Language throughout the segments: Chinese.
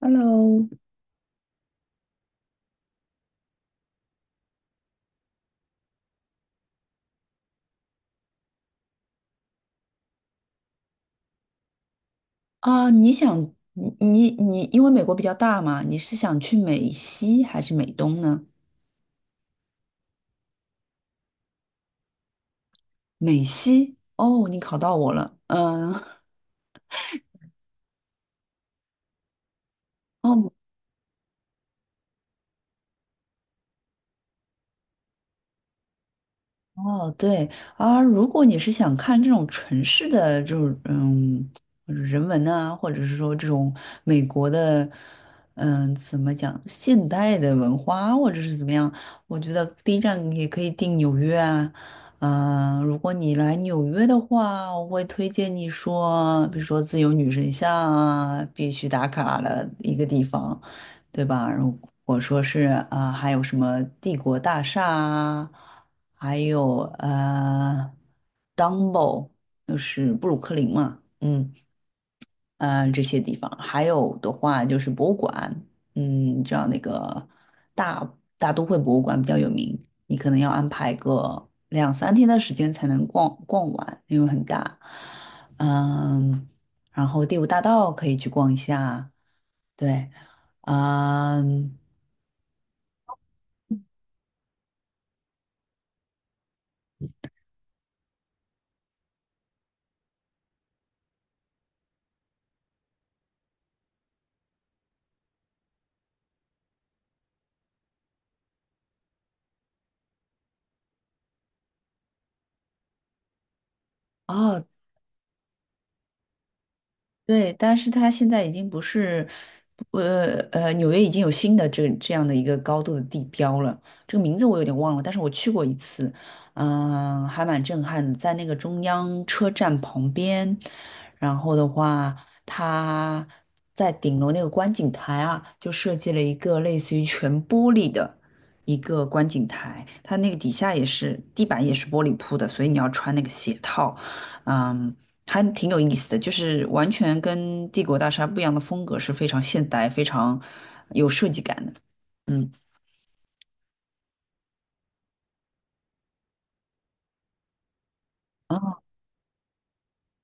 Hello。啊，你想你，因为美国比较大嘛，你是想去美西还是美东呢？美西，哦，你考到我了，嗯。哦。哦，对啊，如果你是想看这种城市的这种人文啊，或者是说这种美国的怎么讲现代的文化，或者是怎么样，我觉得第一站也可以定纽约啊。嗯、如果你来纽约的话，我会推荐你说，比如说自由女神像啊，必须打卡的一个地方，对吧？如果说是啊、还有什么帝国大厦啊。还有d u m b o 就是布鲁克林嘛，呃这些地方，还有的话就是博物馆，嗯，你知道那个大大都会博物馆比较有名，你可能要安排个2、3天的时间才能逛完，因为很大，嗯，然后第5大道可以去逛一下，对，嗯。哦，对，但是它现在已经不是，纽约已经有新的这样的一个高度的地标了。这个名字我有点忘了，但是我去过一次，嗯、还蛮震撼的，在那个中央车站旁边。然后的话，它在顶楼那个观景台啊，就设计了一个类似于全玻璃的一个观景台，它那个底下也是地板也是玻璃铺的，所以你要穿那个鞋套。嗯，还挺有意思的，就是完全跟帝国大厦不一样的风格，是非常现代、非常有设计感的。嗯啊。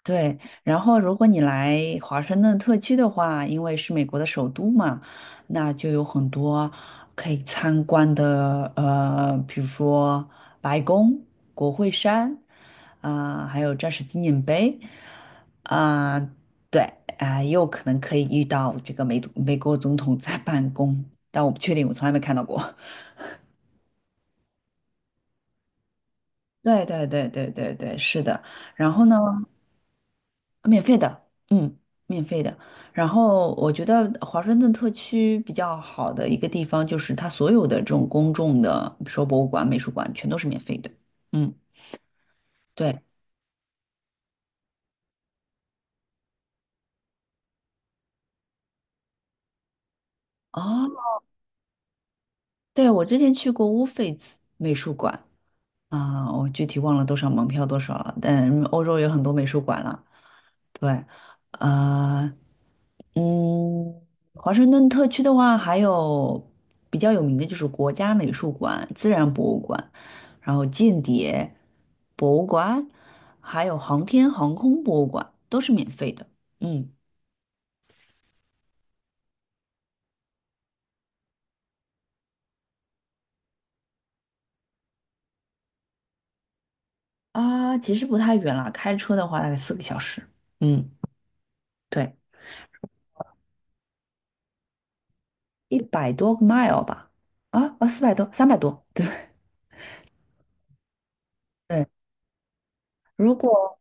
对，然后如果你来华盛顿特区的话，因为是美国的首都嘛，那就有很多可以参观的，呃，比如说白宫、国会山，啊、还有战士纪念碑，啊、对，啊、也有可能可以遇到这个美国总统在办公，但我不确定，我从来没看到过。对对对对对对，是的。然后呢？免费的，嗯，免费的。然后我觉得华盛顿特区比较好的一个地方就是它所有的这种公众的，比如说博物馆、美术馆，全都是免费的。嗯，对。哦，对，我之前去过乌菲兹美术馆啊，我具体忘了多少门票多少了，但欧洲有很多美术馆了。对，啊。嗯，华盛顿特区的话，还有比较有名的就是国家美术馆、自然博物馆，然后间谍博物馆，还有航天航空博物馆，都是免费的。嗯啊，其实不太远啦，开车的话大概4个小时。嗯，对，100多个 mile 吧。啊啊，四百多，三百多。对对，如果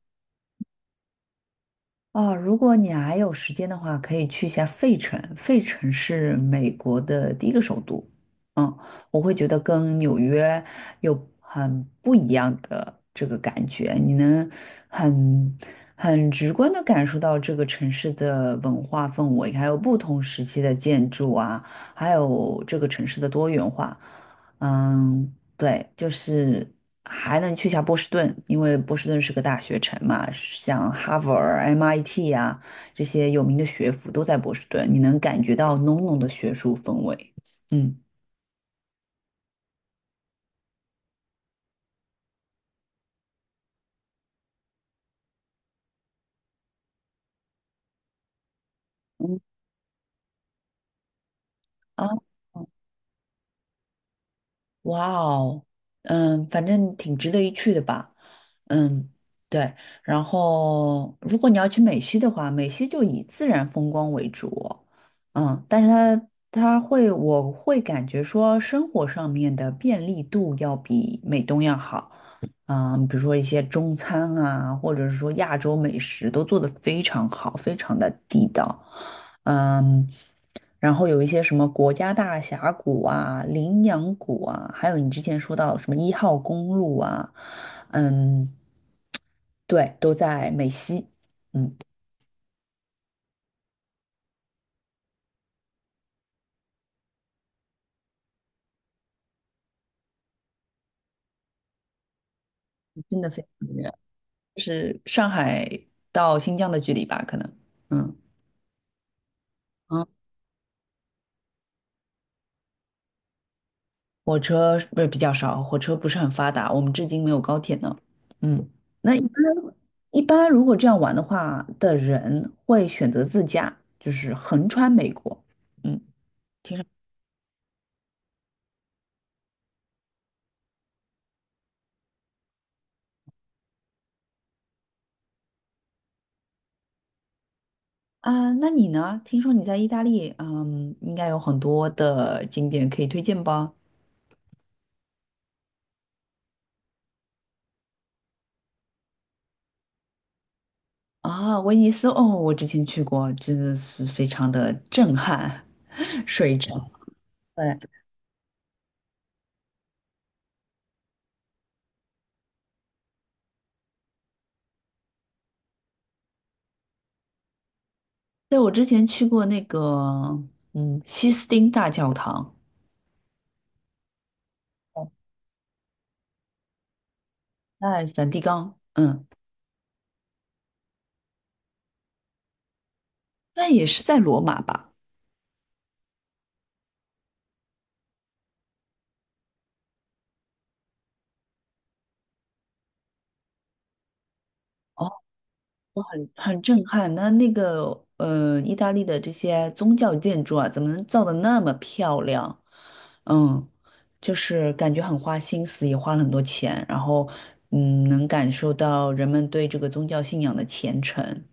哦，如果你还有时间的话，可以去一下费城。费城是美国的第一个首都，嗯，我会觉得跟纽约有很不一样的这个感觉，你能很很直观的感受到这个城市的文化氛围，还有不同时期的建筑啊，还有这个城市的多元化。嗯，对，就是还能去下波士顿，因为波士顿是个大学城嘛，像哈佛儿、MIT 呀、这些有名的学府都在波士顿，你能感觉到浓浓的学术氛围。嗯嗯啊，哇哦，嗯，反正挺值得一去的吧。嗯，对。然后，如果你要去美西的话，美西就以自然风光为主。嗯，但是它会，我会感觉说生活上面的便利度要比美东要好。嗯，比如说一些中餐啊，或者是说亚洲美食都做得非常好，非常的地道。嗯，然后有一些什么国家大峡谷啊、羚羊谷啊，还有你之前说到什么一号公路啊，嗯。对，都在美西。嗯，真的非常远，就是上海到新疆的距离吧，可能。嗯嗯，火车不是比较少，火车不是很发达，我们至今没有高铁呢。嗯，那一般如果这样玩的话的人会选择自驾，就是横穿美国。嗯啊，那你呢？听说你在意大利，嗯，应该有很多的景点可以推荐吧？啊，威尼斯哦，我之前去过，真的是非常的震撼，水城。对，对，我之前去过那个，嗯，西斯汀大教堂，在梵蒂冈，嗯，那也是在罗马吧？哦，很震撼。那那个，呃，意大利的这些宗教建筑啊，怎么能造的那么漂亮？嗯，就是感觉很花心思，也花了很多钱，然后，嗯，能感受到人们对这个宗教信仰的虔诚。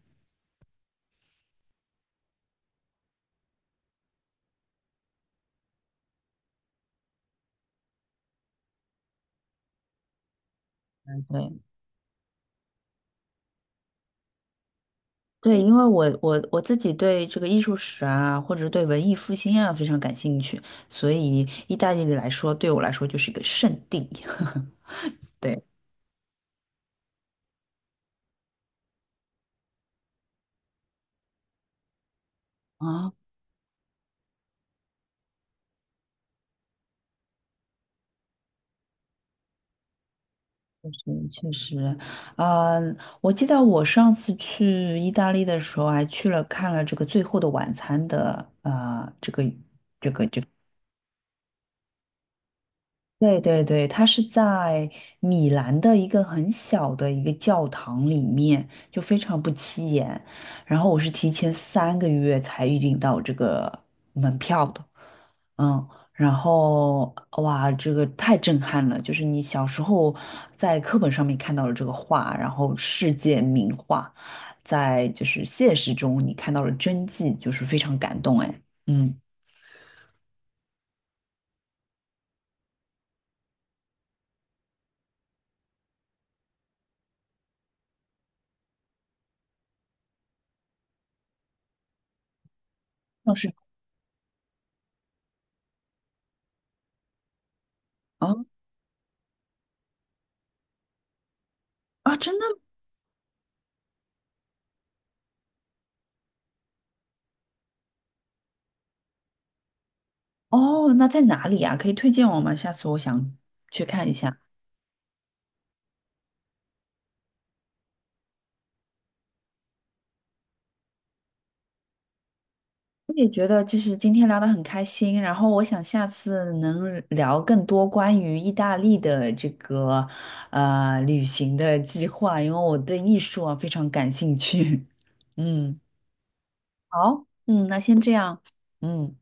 对。对，因为我自己对这个艺术史啊，或者是对文艺复兴啊非常感兴趣，所以意大利来说，对我来说就是一个圣地。对。啊，是确实，嗯，我记得我上次去意大利的时候，还去了看了这个《最后的晚餐》的，这个对对对，它是在米兰的一个很小的一个教堂里面，就非常不起眼。然后我是提前3个月才预订到这个门票的，嗯，然后哇，这个太震撼了！就是你小时候在课本上面看到了这个画，然后世界名画，在就是现实中你看到了真迹，就是非常感动哎，嗯，倒是啊啊，真的哦，那在哪里啊？可以推荐我吗？下次我想去看一下。我也觉得就是今天聊得很开心，然后我想下次能聊更多关于意大利的这个旅行的计划，因为我对艺术啊非常感兴趣。嗯，好，嗯，那先这样，嗯。